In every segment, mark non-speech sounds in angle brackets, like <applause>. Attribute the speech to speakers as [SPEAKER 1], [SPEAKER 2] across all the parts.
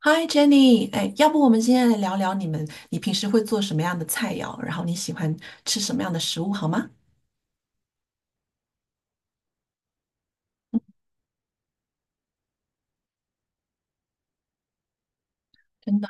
[SPEAKER 1] 嗨，Jenny，哎，要不我们今天来聊聊你们，你平时会做什么样的菜肴，然后你喜欢吃什么样的食物，好吗？真的，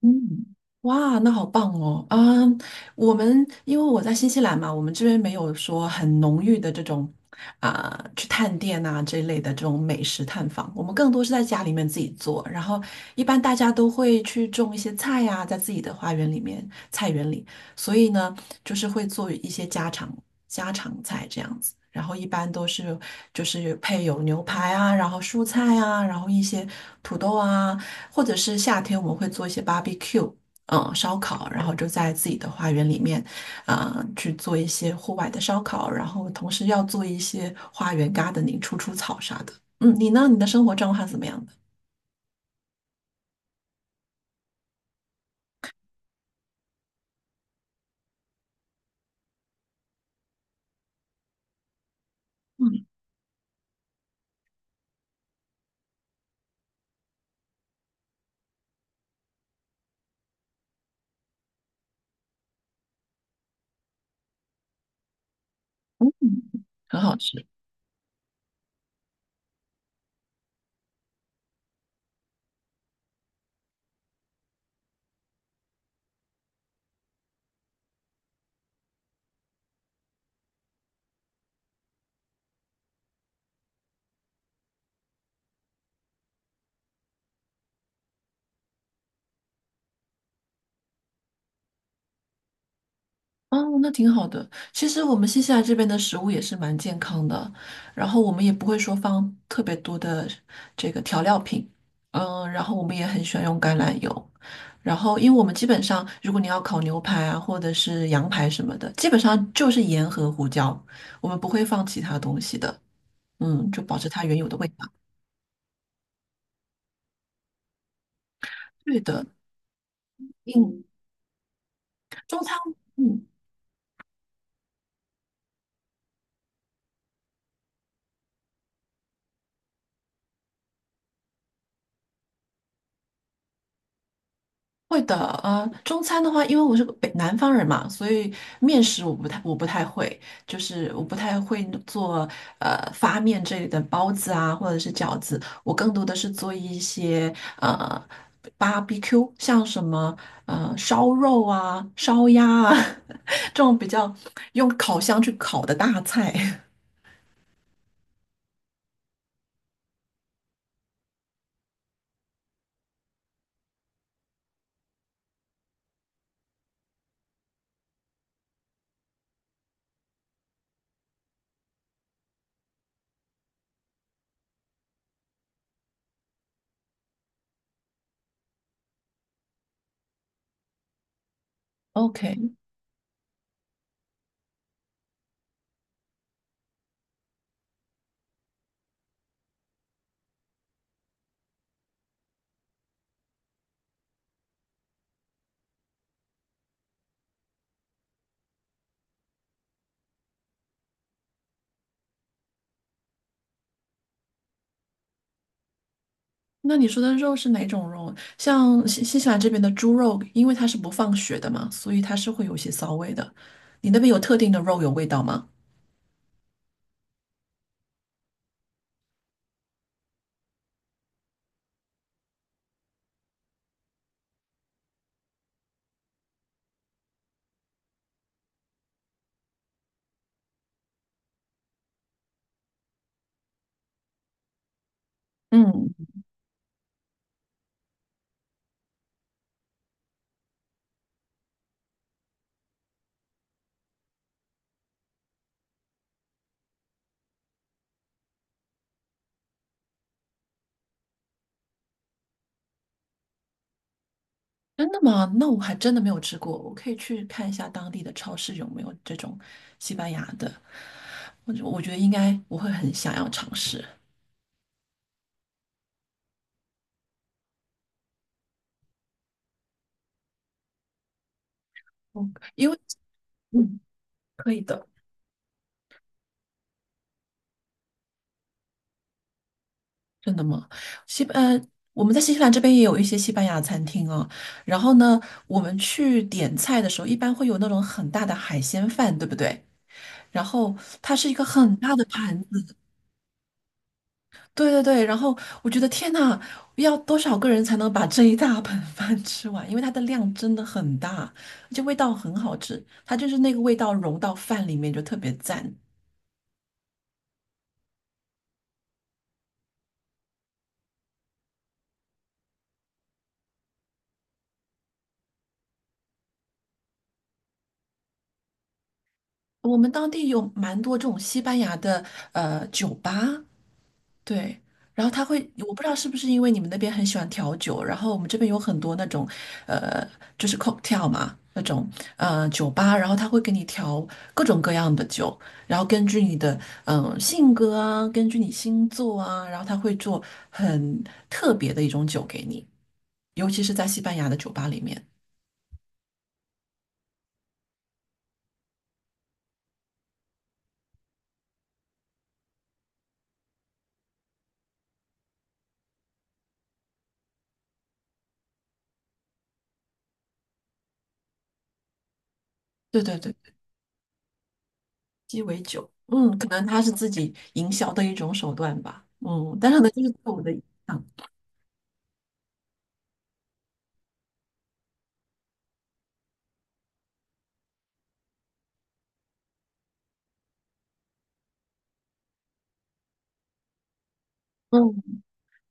[SPEAKER 1] 嗯，哇，那好棒哦！啊，我们因为我在新西兰嘛，我们这边没有说很浓郁的这种啊、去探店啊这一类的这种美食探访，我们更多是在家里面自己做。然后一般大家都会去种一些菜呀、在自己的花园里面、菜园里，所以呢，就是会做一些家常菜这样子。然后一般都是就是配有牛排啊，然后蔬菜啊，然后一些土豆啊。或者是夏天我们会做一些 barbecue，嗯，烧烤，然后就在自己的花园里面，啊、去做一些户外的烧烤，然后同时要做一些花园 gardening，除除草啥的。嗯，你呢？你的生活状况是怎么样的？嗯，很好吃。哦，那挺好的。其实我们新西兰这边的食物也是蛮健康的，然后我们也不会说放特别多的这个调料品，嗯，然后我们也很喜欢用橄榄油，然后因为我们基本上如果你要烤牛排啊，或者是羊排什么的，基本上就是盐和胡椒，我们不会放其他东西的，嗯，就保持它原有的味道。对的，嗯，中餐，嗯。会的，中餐的话，因为我是个北南方人嘛，所以面食我不太会，就是我不太会做发面这类的包子啊，或者是饺子，我更多的是做一些barbecue，像什么烧肉啊、烧鸭啊 <laughs> 这种比较用烤箱去烤的大菜。<laughs> OK。那你说的肉是哪种肉？像新西兰这边的猪肉，因为它是不放血的嘛，所以它是会有一些骚味的。你那边有特定的肉有味道吗？嗯，真的吗？那我还真的没有吃过，我可以去看一下当地的超市有没有这种西班牙的。我觉得应该我会很想要尝试，嗯因为嗯，可以的。真的吗？西班，呃，我们在新西兰这边也有一些西班牙餐厅啊。然后呢，我们去点菜的时候，一般会有那种很大的海鲜饭，对不对？然后它是一个很大的盘子，对对对。然后我觉得天呐，要多少个人才能把这一大盆饭 <laughs> 吃完？因为它的量真的很大，而且味道很好吃，它就是那个味道融到饭里面就特别赞。我们当地有蛮多这种西班牙的酒吧，对，然后他会，我不知道是不是因为你们那边很喜欢调酒，然后我们这边有很多那种，呃，就是 cocktail 嘛，那种酒吧，然后他会给你调各种各样的酒，然后根据你的性格啊，根据你星座啊，然后他会做很特别的一种酒给你，尤其是在西班牙的酒吧里面。对对对，鸡尾酒，嗯，可能它是自己营销的一种手段吧，嗯，但是呢，就是对我的影响。嗯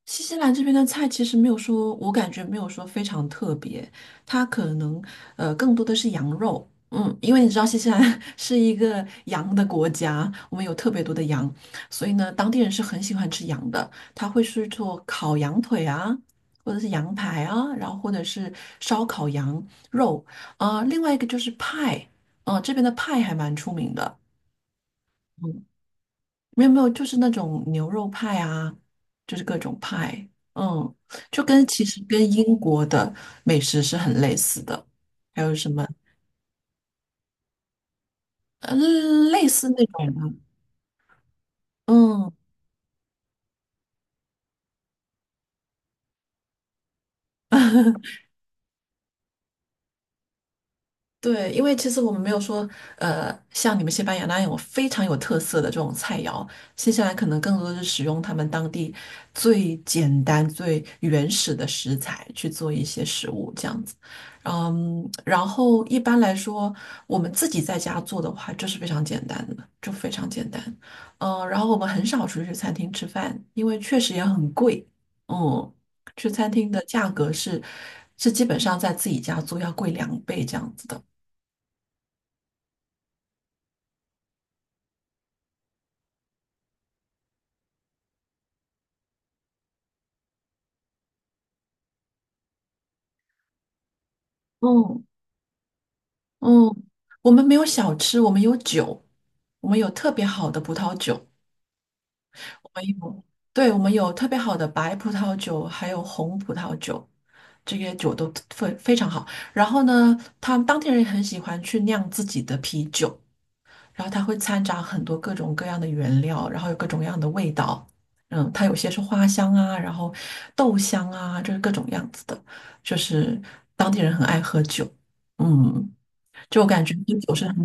[SPEAKER 1] 新西兰这边的菜其实没有说，我感觉没有说非常特别，它可能更多的是羊肉，嗯，因为你知道新西兰 <laughs> 是一个羊的国家，我们有特别多的羊，所以呢，当地人是很喜欢吃羊的，他会去做烤羊腿啊，或者是羊排啊，然后或者是烧烤羊肉，啊、另外一个就是派，嗯、这边的派还蛮出名的。嗯。没有没有，就是那种牛肉派啊，就是各种派，嗯，就跟其实跟英国的美食是很类似的，还有什么呃类似那种的，嗯。对，因为其实我们没有说，像你们西班牙那样有非常有特色的这种菜肴，新西兰可能更多的是使用他们当地最简单、最原始的食材去做一些食物这样子。嗯，然后一般来说，我们自己在家做的话，就是非常简单的，就非常简单。嗯，然后我们很少出去餐厅吃饭，因为确实也很贵。嗯，去餐厅的价格是基本上在自己家做要贵两倍这样子的。嗯嗯，我们没有小吃，我们有酒，我们有特别好的葡萄酒，我们有，对，我们有特别好的白葡萄酒，还有红葡萄酒，这些酒都非常好。然后呢，他们当地人也很喜欢去酿自己的啤酒，然后它会掺杂很多各种各样的原料，然后有各种各样的味道。嗯，它有些是花香啊，然后豆香啊，就是各种样子的，就是当地人很爱喝酒。嗯。就我感觉就酒是很，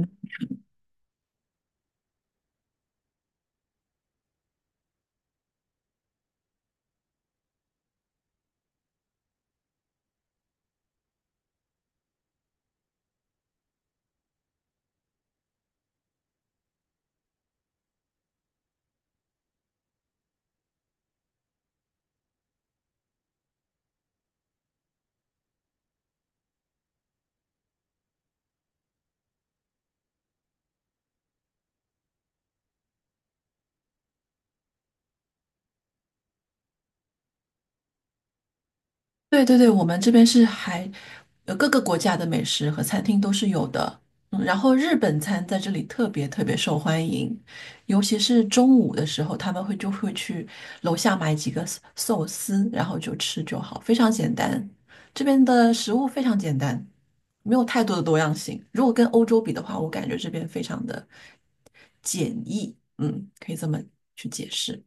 [SPEAKER 1] 对对对，我们这边是还，各个国家的美食和餐厅都是有的。嗯，然后日本餐在这里特别特别受欢迎，尤其是中午的时候，他们会就会去楼下买几个寿司，然后就吃就好，非常简单。这边的食物非常简单，没有太多的多样性。如果跟欧洲比的话，我感觉这边非常的简易，嗯，可以这么去解释。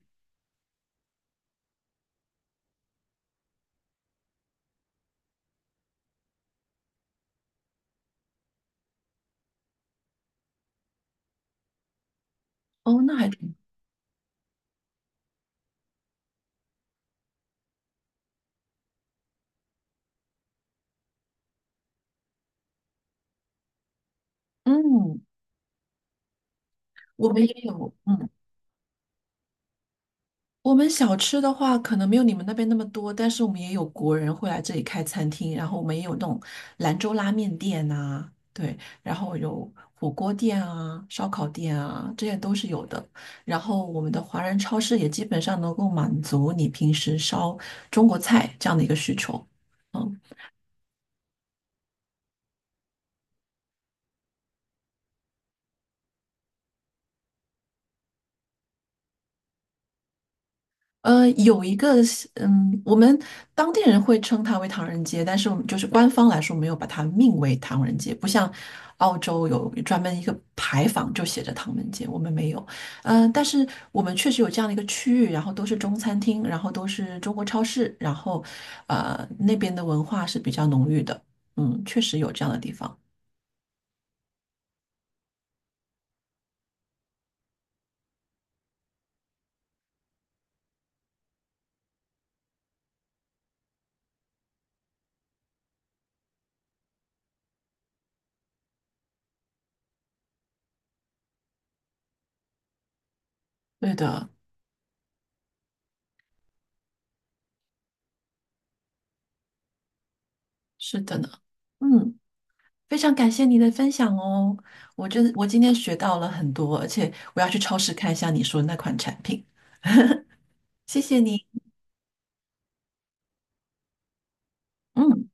[SPEAKER 1] 哦，那还挺，嗯，我们也有，嗯。我们小吃的话，可能没有你们那边那么多，但是我们也有国人会来这里开餐厅，然后我们也有那种兰州拉面店啊，对，然后有火锅店啊、烧烤店啊，这些都是有的。然后我们的华人超市也基本上能够满足你平时烧中国菜这样的一个需求。嗯。有一个是我们当地人会称它为唐人街，但是我们就是官方来说没有把它命为唐人街，不像澳洲有专门一个牌坊就写着唐人街，我们没有。但是我们确实有这样的一个区域，然后都是中餐厅，然后都是中国超市，然后那边的文化是比较浓郁的，嗯，确实有这样的地方。对的，是的呢，嗯。非常感谢你的分享哦，我今天学到了很多，而且我要去超市看一下你说的那款产品，谢谢你。嗯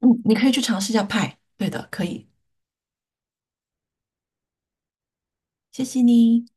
[SPEAKER 1] 嗯，你可以去尝试一下派，对的，可以，谢谢你。